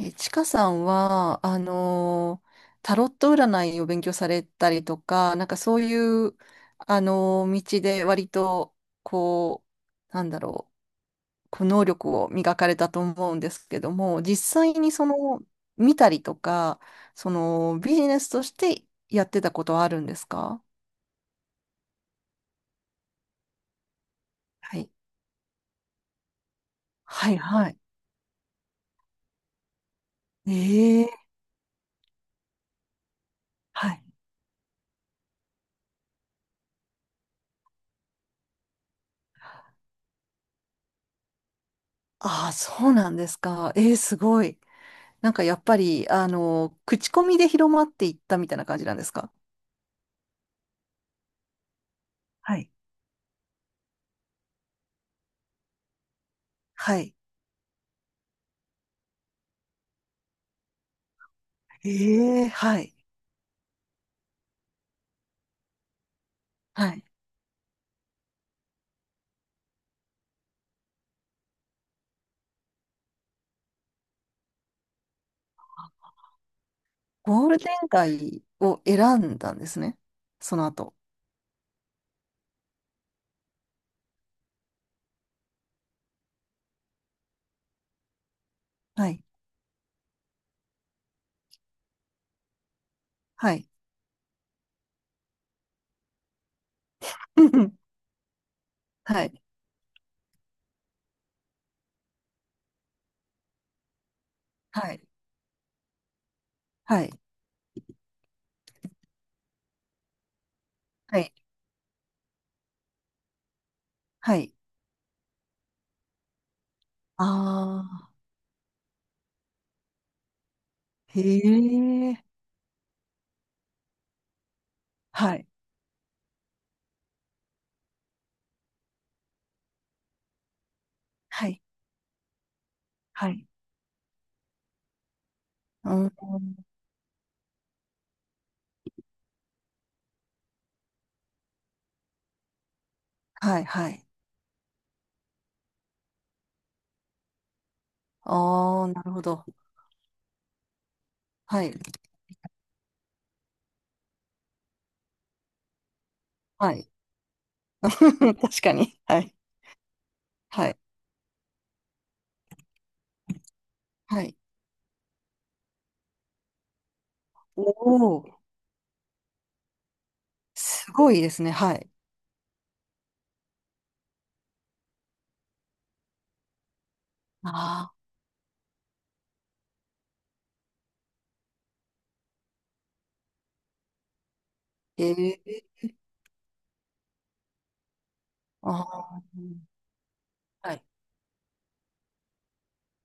え、ちかさんは、タロット占いを勉強されたりとか、なんかそういう、道で割と、こう、なんだろう、こう能力を磨かれたと思うんですけども、実際にその、見たりとか、その、ビジネスとしてやってたことはあるんですか？はい。はい、はい。ええ、はい。ああ、そうなんですか。ええ、すごい。なんかやっぱり、口コミで広まっていったみたいな感じなんですか？はい。はい。ええ、はい。はい。ゴールデン街を選んだんですね。その後。はい。はい。はい。はい。はい。はい。はい。ああ。へえ。はい。はい。はい。うん。はい。はい。ああ、なるほど。はい。はい。確かに。はい。はい。はい。おお、すごいですね。はい。ああ、へえ、ああ、はい、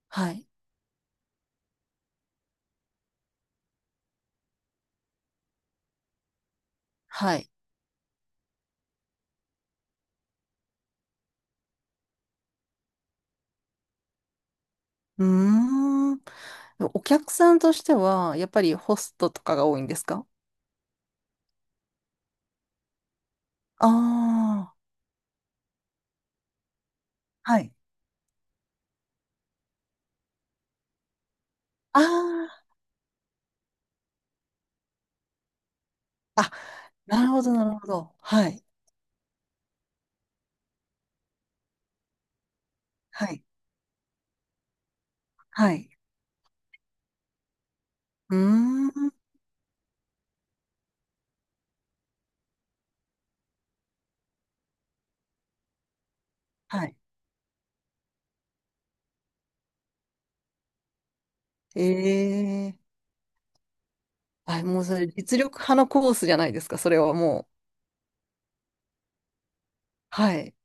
はい、はい。うーん。お客さんとしては、やっぱりホストとかが多いんですか？ああ、はい。ああ、あ、なるほど、なるほど。はい、はい、はい。うーん、はい。ええ、あ、もうそれ実力派のコースじゃないですか、それはもう。はい。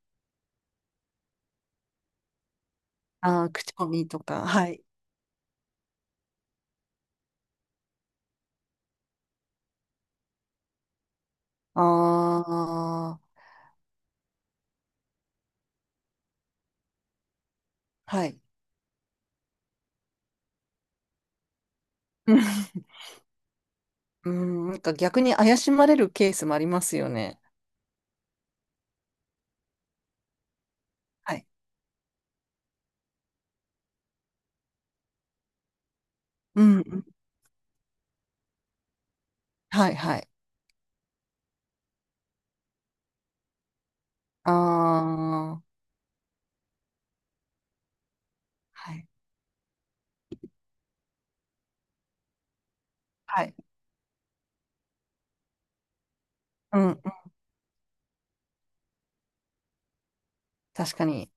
ああ、口コミとか、はい。ああ、はい。うん、なんか逆に怪しまれるケースもありますよね。はい。うん、うん。はい、はい。ああ、はい。はい。うん、うん。確かに。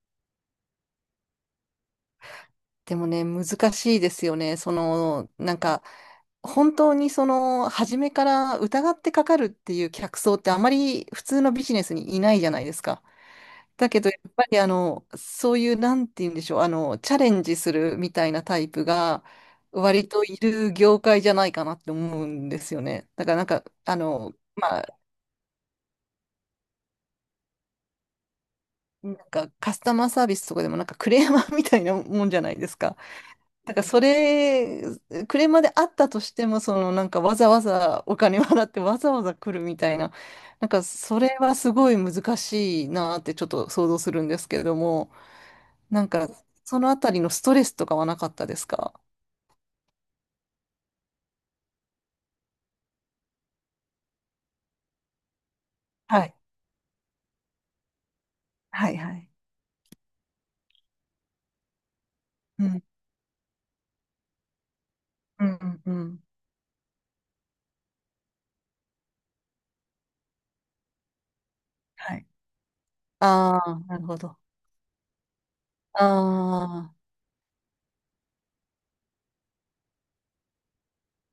でもね、難しいですよね。その、なんか、本当にその、初めから疑ってかかるっていう客層ってあまり普通のビジネスにいないじゃないですか。だけど、やっぱりそういう、なんて言うんでしょう、チャレンジするみたいなタイプが、割といる業界じゃないかなって思うんですよね。だからなんか、まあ、なんかカスタマーサービスとかでもなんかクレーマーみたいなもんじゃないですか。だからそれ、クレーマーであったとしても、そのなんかわざわざお金払ってわざわざ来るみたいな、なんかそれはすごい難しいなってちょっと想像するんですけれども。なんか、そのあたりのストレスとかはなかったですか？はい。はい、はい。うん、うん、うん。うん、はい。ああ、なるほど。あ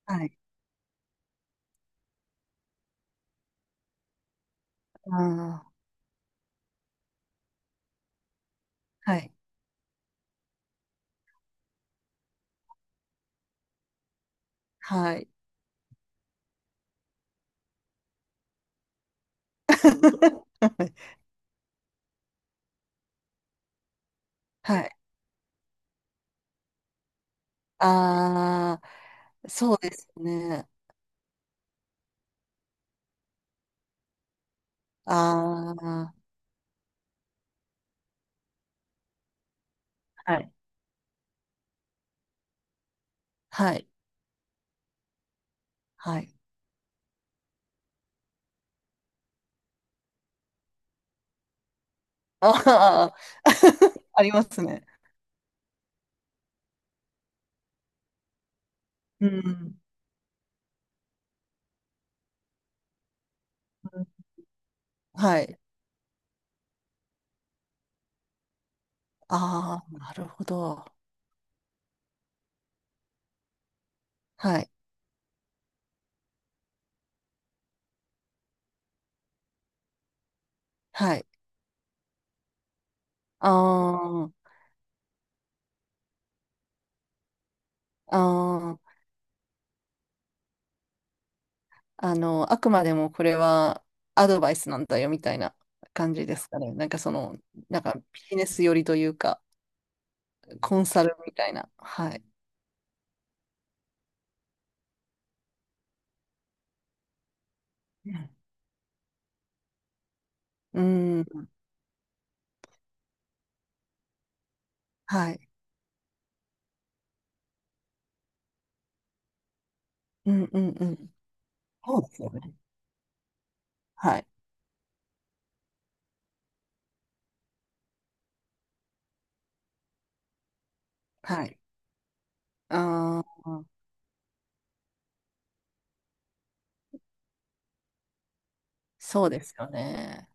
あ、はい。あ、ああ、はい、はい。はい。ああ、そうですね。ああ、はい。はい、はい。ああ、ありますね。うん。はい。ああ、なるほど。はい、はい。ああ、ああ。あくまでもこれはアドバイスなんだよみたいな感じですかね。なんかその、なんかビジネス寄りというか、コンサルみたいな。はい。うん。うん、はい。うんうんうん。そうですよね。はい。はい。ああ、そうですよね。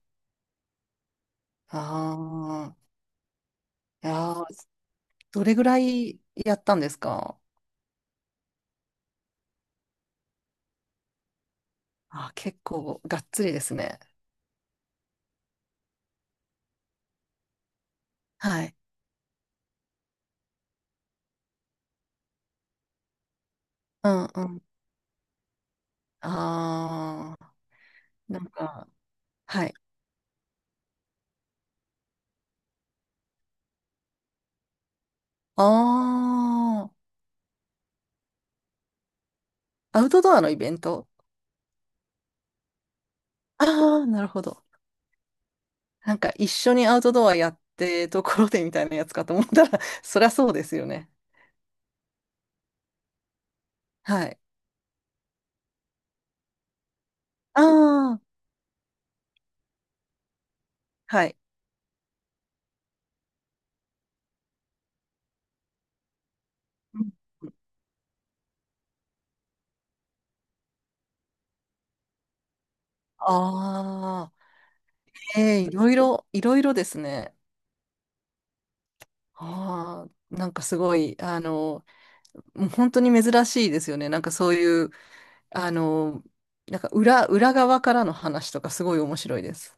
ああ、いやー、どれぐらいやったんですか？あー、結構がっつりですね。はい。うんうん。ああ、なんか、はい。ああ、アウトドアのイベント。ああー、なるほど。なんか一緒にアウトドアやってところでみたいなやつかと思ったら、そりゃそうですよね。はい。ああ、はい。ああー、ええ、いろいろ、いろいろですね。ああ、なんかすごい、もう本当に珍しいですよね。なんかそういう、あの、なんか裏側からの話とかすごい面白いです。